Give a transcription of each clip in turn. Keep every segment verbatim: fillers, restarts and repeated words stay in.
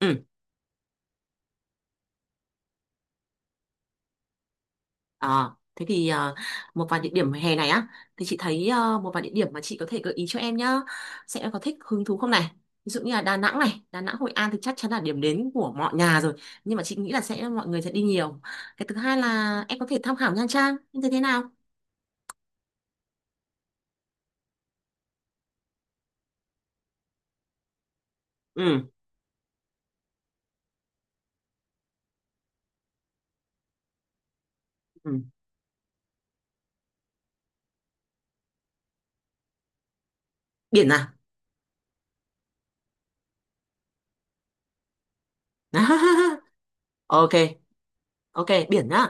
Ừ. À, thế thì à, một vài địa điểm hè này á thì chị thấy à, một vài địa điểm mà chị có thể gợi ý cho em nhá. Xem em có thích hứng thú không này. Ví dụ như là Đà Nẵng này, Đà Nẵng Hội An thì chắc chắn là điểm đến của mọi nhà rồi. Nhưng mà chị nghĩ là sẽ mọi người sẽ đi nhiều. Cái thứ hai là em có thể tham khảo Nha Trang như thế thế nào? Ừ, ừ. Biển à? Ok, ok, biển nhá.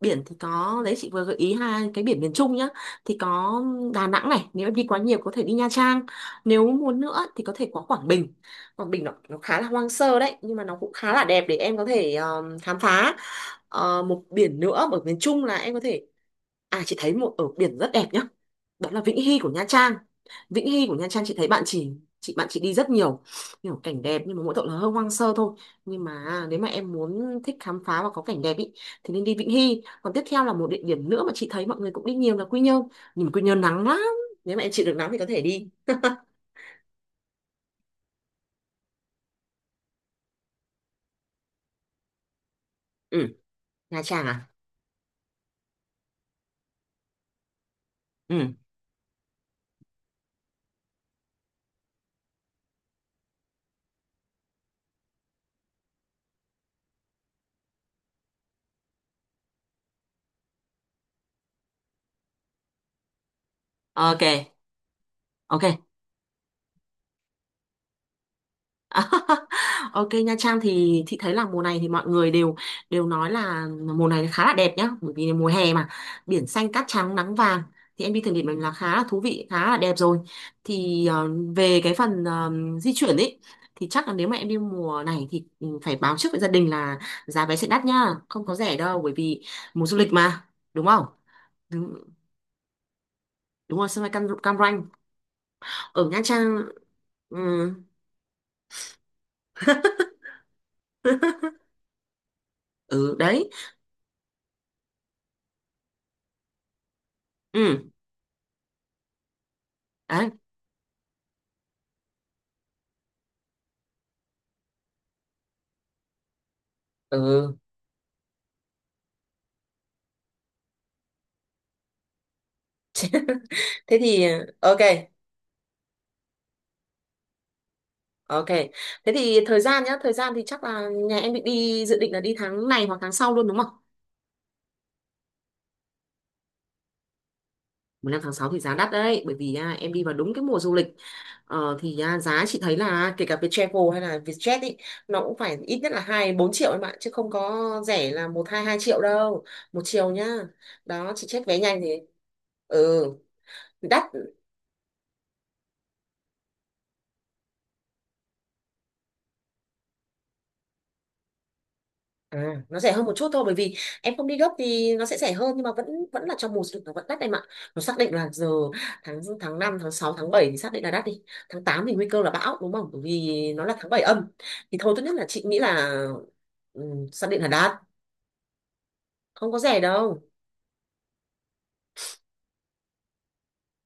Biển thì có đấy, chị vừa gợi ý hai cái biển miền Trung nhá, thì có Đà Nẵng này, nếu em đi quá nhiều có thể đi Nha Trang, nếu muốn nữa thì có thể qua Quảng Bình. Quảng Bình nó, nó khá là hoang sơ đấy, nhưng mà nó cũng khá là đẹp để em có thể ờ, khám phá. Ờ, một biển nữa ở miền Trung là em có thể, à chị thấy một ở biển rất đẹp nhá, đó là Vĩnh Hy của Nha Trang. Vĩnh Hy của Nha Trang, chị thấy bạn chị chị bạn chị đi rất nhiều, nhiều cảnh đẹp, nhưng mà mỗi tội là hơi hoang sơ thôi. Nhưng mà nếu mà em muốn thích khám phá và có cảnh đẹp ý thì nên đi Vĩnh Hy. Còn tiếp theo là một địa điểm nữa mà chị thấy mọi người cũng đi nhiều là Quy Nhơn, nhưng mà Quy Nhơn nắng lắm, nếu mà em chịu được nắng thì có thể đi. Ừ. Nha Trang à. Ừ, ok, ok. Ok, Nha Trang thì chị thấy là mùa này thì mọi người đều đều nói là mùa này khá là đẹp nhá, bởi vì mùa hè mà, biển xanh cát trắng nắng vàng, thì em đi thử nghiệm mình là khá là thú vị, khá là đẹp rồi. Thì ờ, về cái phần ờ, di chuyển ấy, thì chắc là nếu mà em đi mùa này thì ừ, phải báo trước với gia đình là giá vé sẽ đắt nhá, không có rẻ đâu, bởi vì mùa du lịch mà, đúng không? Đúng, đúng rồi, sân bay Cam, Cam Ranh ở Nha Trang. Ừ. Ừ đấy. Ừ đấy. Ừ. Thế thì ok. Ok, thế thì thời gian nhá, thời gian thì chắc là nhà em định đi, dự định là đi tháng này hoặc tháng sau luôn đúng không. Mùng năm tháng sáu thì giá đắt đấy, bởi vì à, em đi vào đúng cái mùa du lịch. ờ, thì à, giá chị thấy là kể cả Viettravel hay là Vietjet ý, nó cũng phải ít nhất là hai bốn triệu em ạ, chứ không có rẻ là một hai hai triệu đâu. Một chiều nhá. Đó chị check vé nhanh thì. Ừ. Đắt. À, nó rẻ hơn một chút thôi, bởi vì em không đi gấp thì nó sẽ rẻ hơn, nhưng mà vẫn vẫn là trong mùa du lịch, nó vẫn đắt em ạ. Nó xác định là giờ tháng tháng năm, tháng sáu, tháng bảy thì xác định là đắt đi. Tháng tám thì nguy cơ là bão đúng không? Bởi vì nó là tháng bảy âm. Thì thôi, tốt nhất là chị nghĩ là, ừ, xác định là đắt, không có rẻ đâu.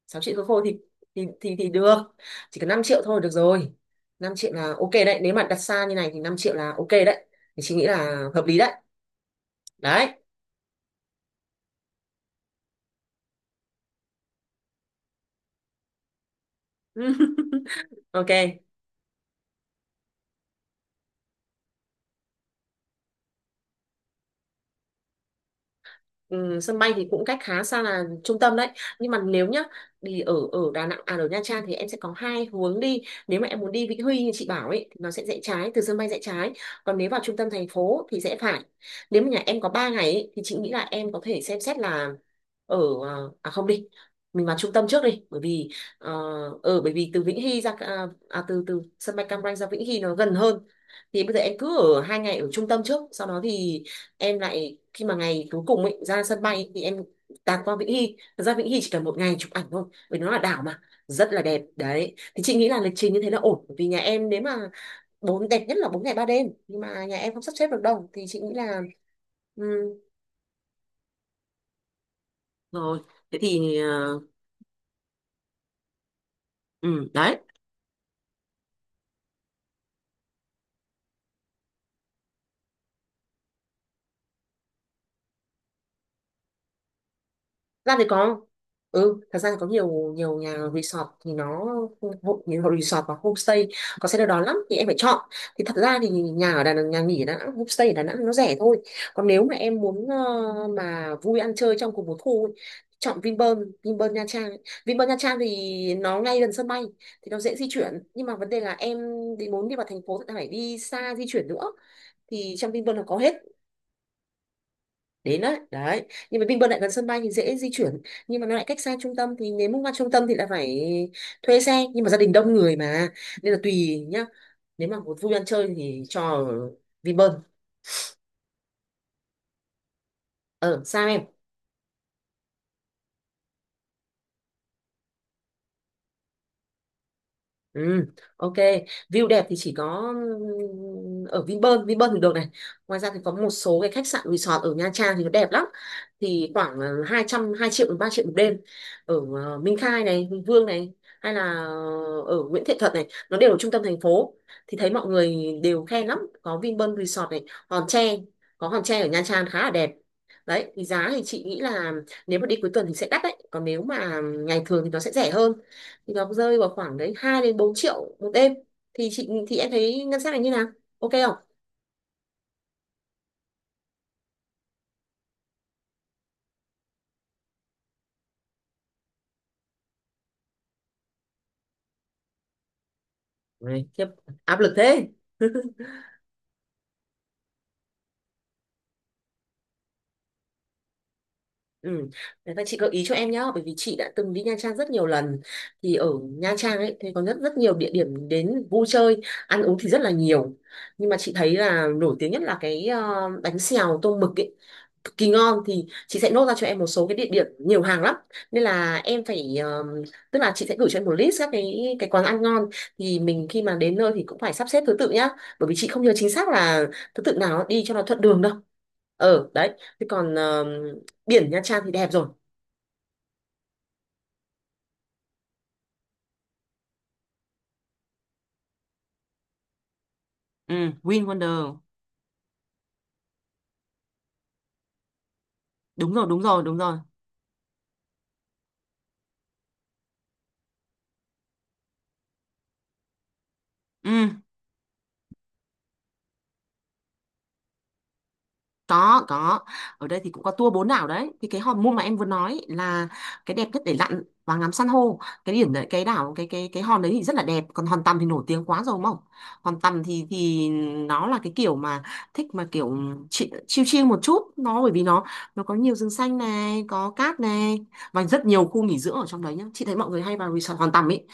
Sáu triệu khối khô thì thì thì thì được. Chỉ cần năm triệu thôi được rồi. Năm triệu là ok đấy, nếu mà đặt xa như này thì năm triệu là ok đấy. Thì chị nghĩ là hợp lý đấy. Đấy. Ok. Ừ, sân bay thì cũng cách khá xa là trung tâm đấy, nhưng mà nếu nhá, thì ở ở Đà Nẵng, à, ở Nha Trang thì em sẽ có hai hướng đi. Nếu mà em muốn đi Vĩnh Huy như chị bảo ấy thì nó sẽ rẽ trái, từ sân bay rẽ trái, còn nếu vào trung tâm thành phố thì sẽ phải, nếu mà nhà em có ba ngày ấy, thì chị nghĩ là em có thể xem xét là ở, à à, không đi, mình vào trung tâm trước đi, bởi vì ờ, ở bởi vì từ Vĩnh Hy ra, à, à, từ từ sân bay Cam Ranh ra Vĩnh Hy nó gần hơn. Thì bây giờ em cứ ở hai ngày ở trung tâm trước, sau đó thì em lại khi mà ngày cuối cùng ấy, ra sân bay thì em tạt qua Vĩnh Hy. Thật ra Vĩnh Hy chỉ cần một ngày chụp ảnh thôi, vì nó là đảo mà, rất là đẹp đấy. Thì chị nghĩ là lịch trình như thế là ổn. Bởi vì nhà em nếu mà bốn đẹp nhất là bốn ngày ba đêm, nhưng mà nhà em không sắp xếp được đâu thì chị nghĩ là, ừ, rồi, thế thì ờ, ừ, đấy. Ra thì có, ừ, thật ra thì có nhiều nhiều nhà resort thì nó hộ, nhiều resort và homestay có xe đưa đón lắm, thì em phải chọn. Thì thật ra thì nhà ở Đà Nẵng, nhà nghỉ ở Đà Nẵng, homestay ở Đà Nẵng nó rẻ thôi. Còn nếu mà em muốn ờ, mà vui ăn chơi trong cùng một khu ấy, chọn Vinpearl Vinpearl Nha Trang ấy. Vinpearl Nha Trang thì nó ngay gần sân bay, thì nó dễ di chuyển, nhưng mà vấn đề là em đi muốn đi vào thành phố thì phải đi xa, di chuyển nữa. Thì trong Vinpearl nó có hết, đến đấy đấy. Nhưng mà Vinpearl lại gần sân bay thì dễ di chuyển, nhưng mà nó lại cách xa trung tâm, thì nếu muốn qua trung tâm thì lại phải thuê xe, nhưng mà gia đình đông người mà, nên là tùy nhá. Nếu mà một vui ăn chơi thì cho Vinpearl. Ờ sao em Ừ, ok. View đẹp thì chỉ có ừm, ở Vinpearl, Vinpearl thì được này. Ngoài ra thì có một số cái khách sạn resort ở Nha Trang thì nó đẹp lắm. Thì khoảng ờ, hai trăm, hai triệu đến ba triệu một đêm. Ở ờ, Minh Khai này, Hùng Vương này, hay là ờ, ở Nguyễn Thiện Thuật này, nó đều ở trung tâm thành phố. Thì thấy mọi người đều khen lắm, có Vinpearl Resort này, Hòn Tre, có Hòn Tre ở Nha Trang khá là đẹp. Đấy, thì giá thì chị nghĩ là, nếu mà đi cuối tuần thì sẽ đắt đấy, còn nếu mà ngày thường thì nó sẽ rẻ hơn, thì nó rơi vào khoảng đấy hai đến bốn triệu một đêm. Thì chị thì Em thấy ngân sách này như nào, ok không? Đấy, khiếp, áp lực thế. Ừ. Đấy, và chị gợi ý cho em nhá, bởi vì chị đã từng đi Nha Trang rất nhiều lần. Thì ở Nha Trang ấy thì có rất rất nhiều địa điểm đến vui chơi, ăn uống thì rất là nhiều. Nhưng mà chị thấy là nổi tiếng nhất là cái ờ, bánh xèo tôm mực ấy, cực kỳ ngon. Thì chị sẽ nốt ra cho em một số cái địa điểm, nhiều hàng lắm, nên là em phải ờ, tức là chị sẽ gửi cho em một list các cái cái quán ăn ngon. Thì mình khi mà đến nơi thì cũng phải sắp xếp thứ tự nhá, bởi vì chị không nhớ chính xác là thứ tự nào đi cho nó thuận đường đâu. Ờ đấy thế còn ờ, biển Nha Trang thì đẹp rồi. Ừ, Win Wonder, đúng rồi, đúng rồi, đúng rồi. Ừ, có có ở đây thì cũng có tour bốn đảo đấy. Thì cái hòn môn mà em vừa nói là cái đẹp nhất để lặn và ngắm san hô, cái điểm đấy, cái đảo, cái cái cái hòn đấy thì rất là đẹp. Còn hòn tầm thì nổi tiếng quá rồi đúng không? Hòn tầm thì thì nó là cái kiểu mà thích, mà kiểu chi- chill chill một chút, nó bởi vì nó nó có nhiều rừng xanh này, có cát này, và rất nhiều khu nghỉ dưỡng ở trong đấy nhá. Chị thấy mọi người hay vào resort hòn tầm ấy.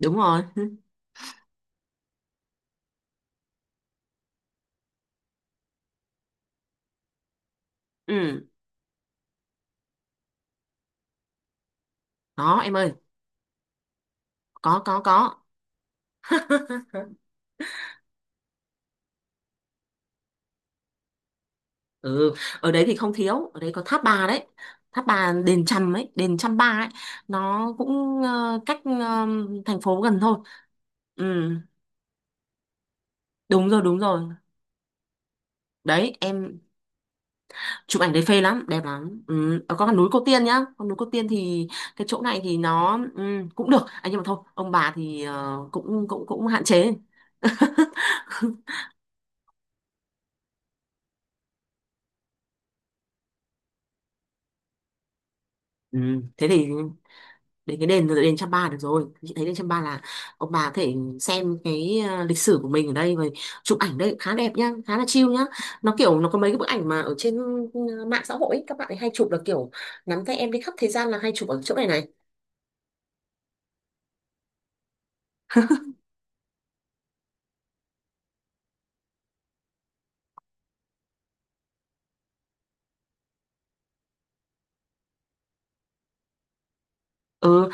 Đúng rồi. Ừ đó em ơi. Có, có, có. Ừ, ở đấy thì không thiếu, ở đấy có tháp bà đấy. Tháp bà đền Chăm ấy, đền Chăm Ba ấy, nó cũng ờ, cách ờ, thành phố gần thôi. Ừ, đúng rồi, đúng rồi. Đấy, em chụp ảnh đấy phê lắm, đẹp lắm. Ừ, ờ, có con núi Cô Tiên nhá. Con núi Cô Tiên thì cái chỗ này thì nó ừ, cũng được. À, nhưng mà thôi, ông bà thì ờ, cũng cũng cũng hạn chế. Ừ, thế thì đến cái đền đền Chăm Pa được rồi. Chị thấy đền Chăm Pa là ông bà có thể xem cái ờ, lịch sử của mình ở đây rồi, chụp ảnh đây khá đẹp nhá, khá là chill nhá. Nó kiểu nó có mấy cái bức ảnh mà ở trên ờ, mạng xã hội ấy, các bạn ấy hay chụp là kiểu nắm tay em đi khắp thế gian, là hay chụp ở chỗ này này. Ừ.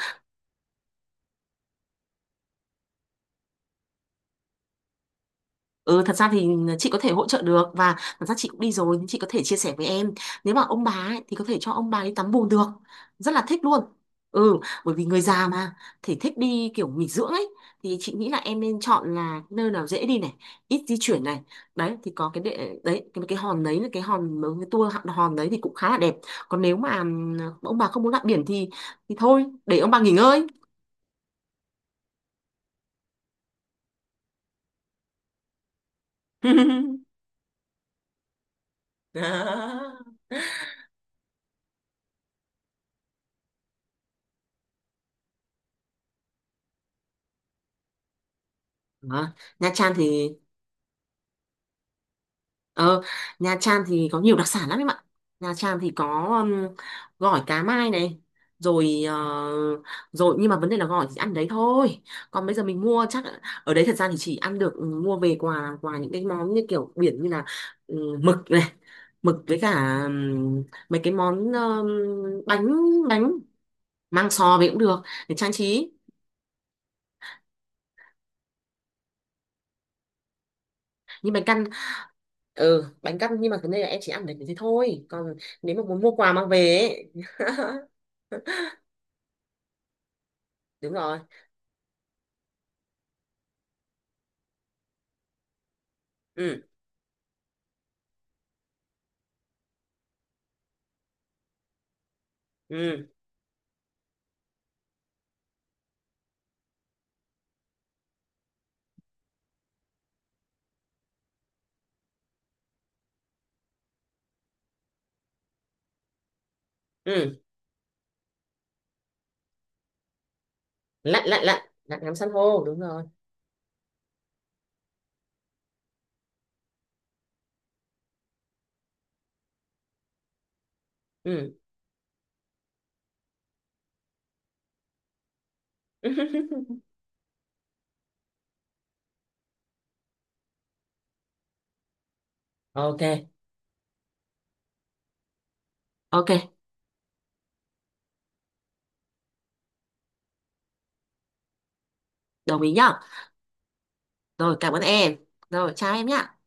Ừ, thật ra thì ờ, chị có thể hỗ trợ được, và thật ra chị cũng đi rồi, nhưng chị có thể chia sẻ với em. Nếu mà ông bà ấy, thì có thể cho ông bà đi tắm bùn được, rất là thích luôn. Ừ, bởi vì người già mà, thể thích đi kiểu nghỉ dưỡng ấy, thì chị nghĩ là em nên chọn là nơi nào dễ đi này, ít di chuyển này. Đấy thì có cái đệ đấy, cái, cái hòn đấy, là cái hòn mấy cái tour hòn hòn đấy thì cũng khá là đẹp. Còn nếu mà ừm, ông bà không muốn lặn biển thì thì thôi để ông bà nghỉ ngơi. Đó. Đó. Nha Trang thì, ờ, Nha Trang thì có nhiều đặc sản lắm em ạ. Nha Trang thì có um, gỏi cá mai này, rồi ờ, rồi nhưng mà vấn đề là gỏi thì ăn đấy thôi. Còn bây giờ mình mua chắc ở đấy thật ra thì chỉ ăn được. ừ, mua về quà quà những cái món như kiểu biển, như là ừ, mực này, mực với cả ừm, mấy cái món, ừm, bánh, bánh, mang sò về cũng được để trang trí. Nhưng bánh căn, ừ, bánh căn, nhưng mà vấn đề là em chỉ ăn được thế thôi. Còn nếu mà muốn mua quà mang về ấy, đúng rồi. Ừ. Ừ. Ừ. lạnh lạnh lạnh lạnh ngắm san hô, đúng rồi. Ừ. Ok. Ok, đồng ý nhá. Rồi, cảm ơn em. Rồi, chào em nhá.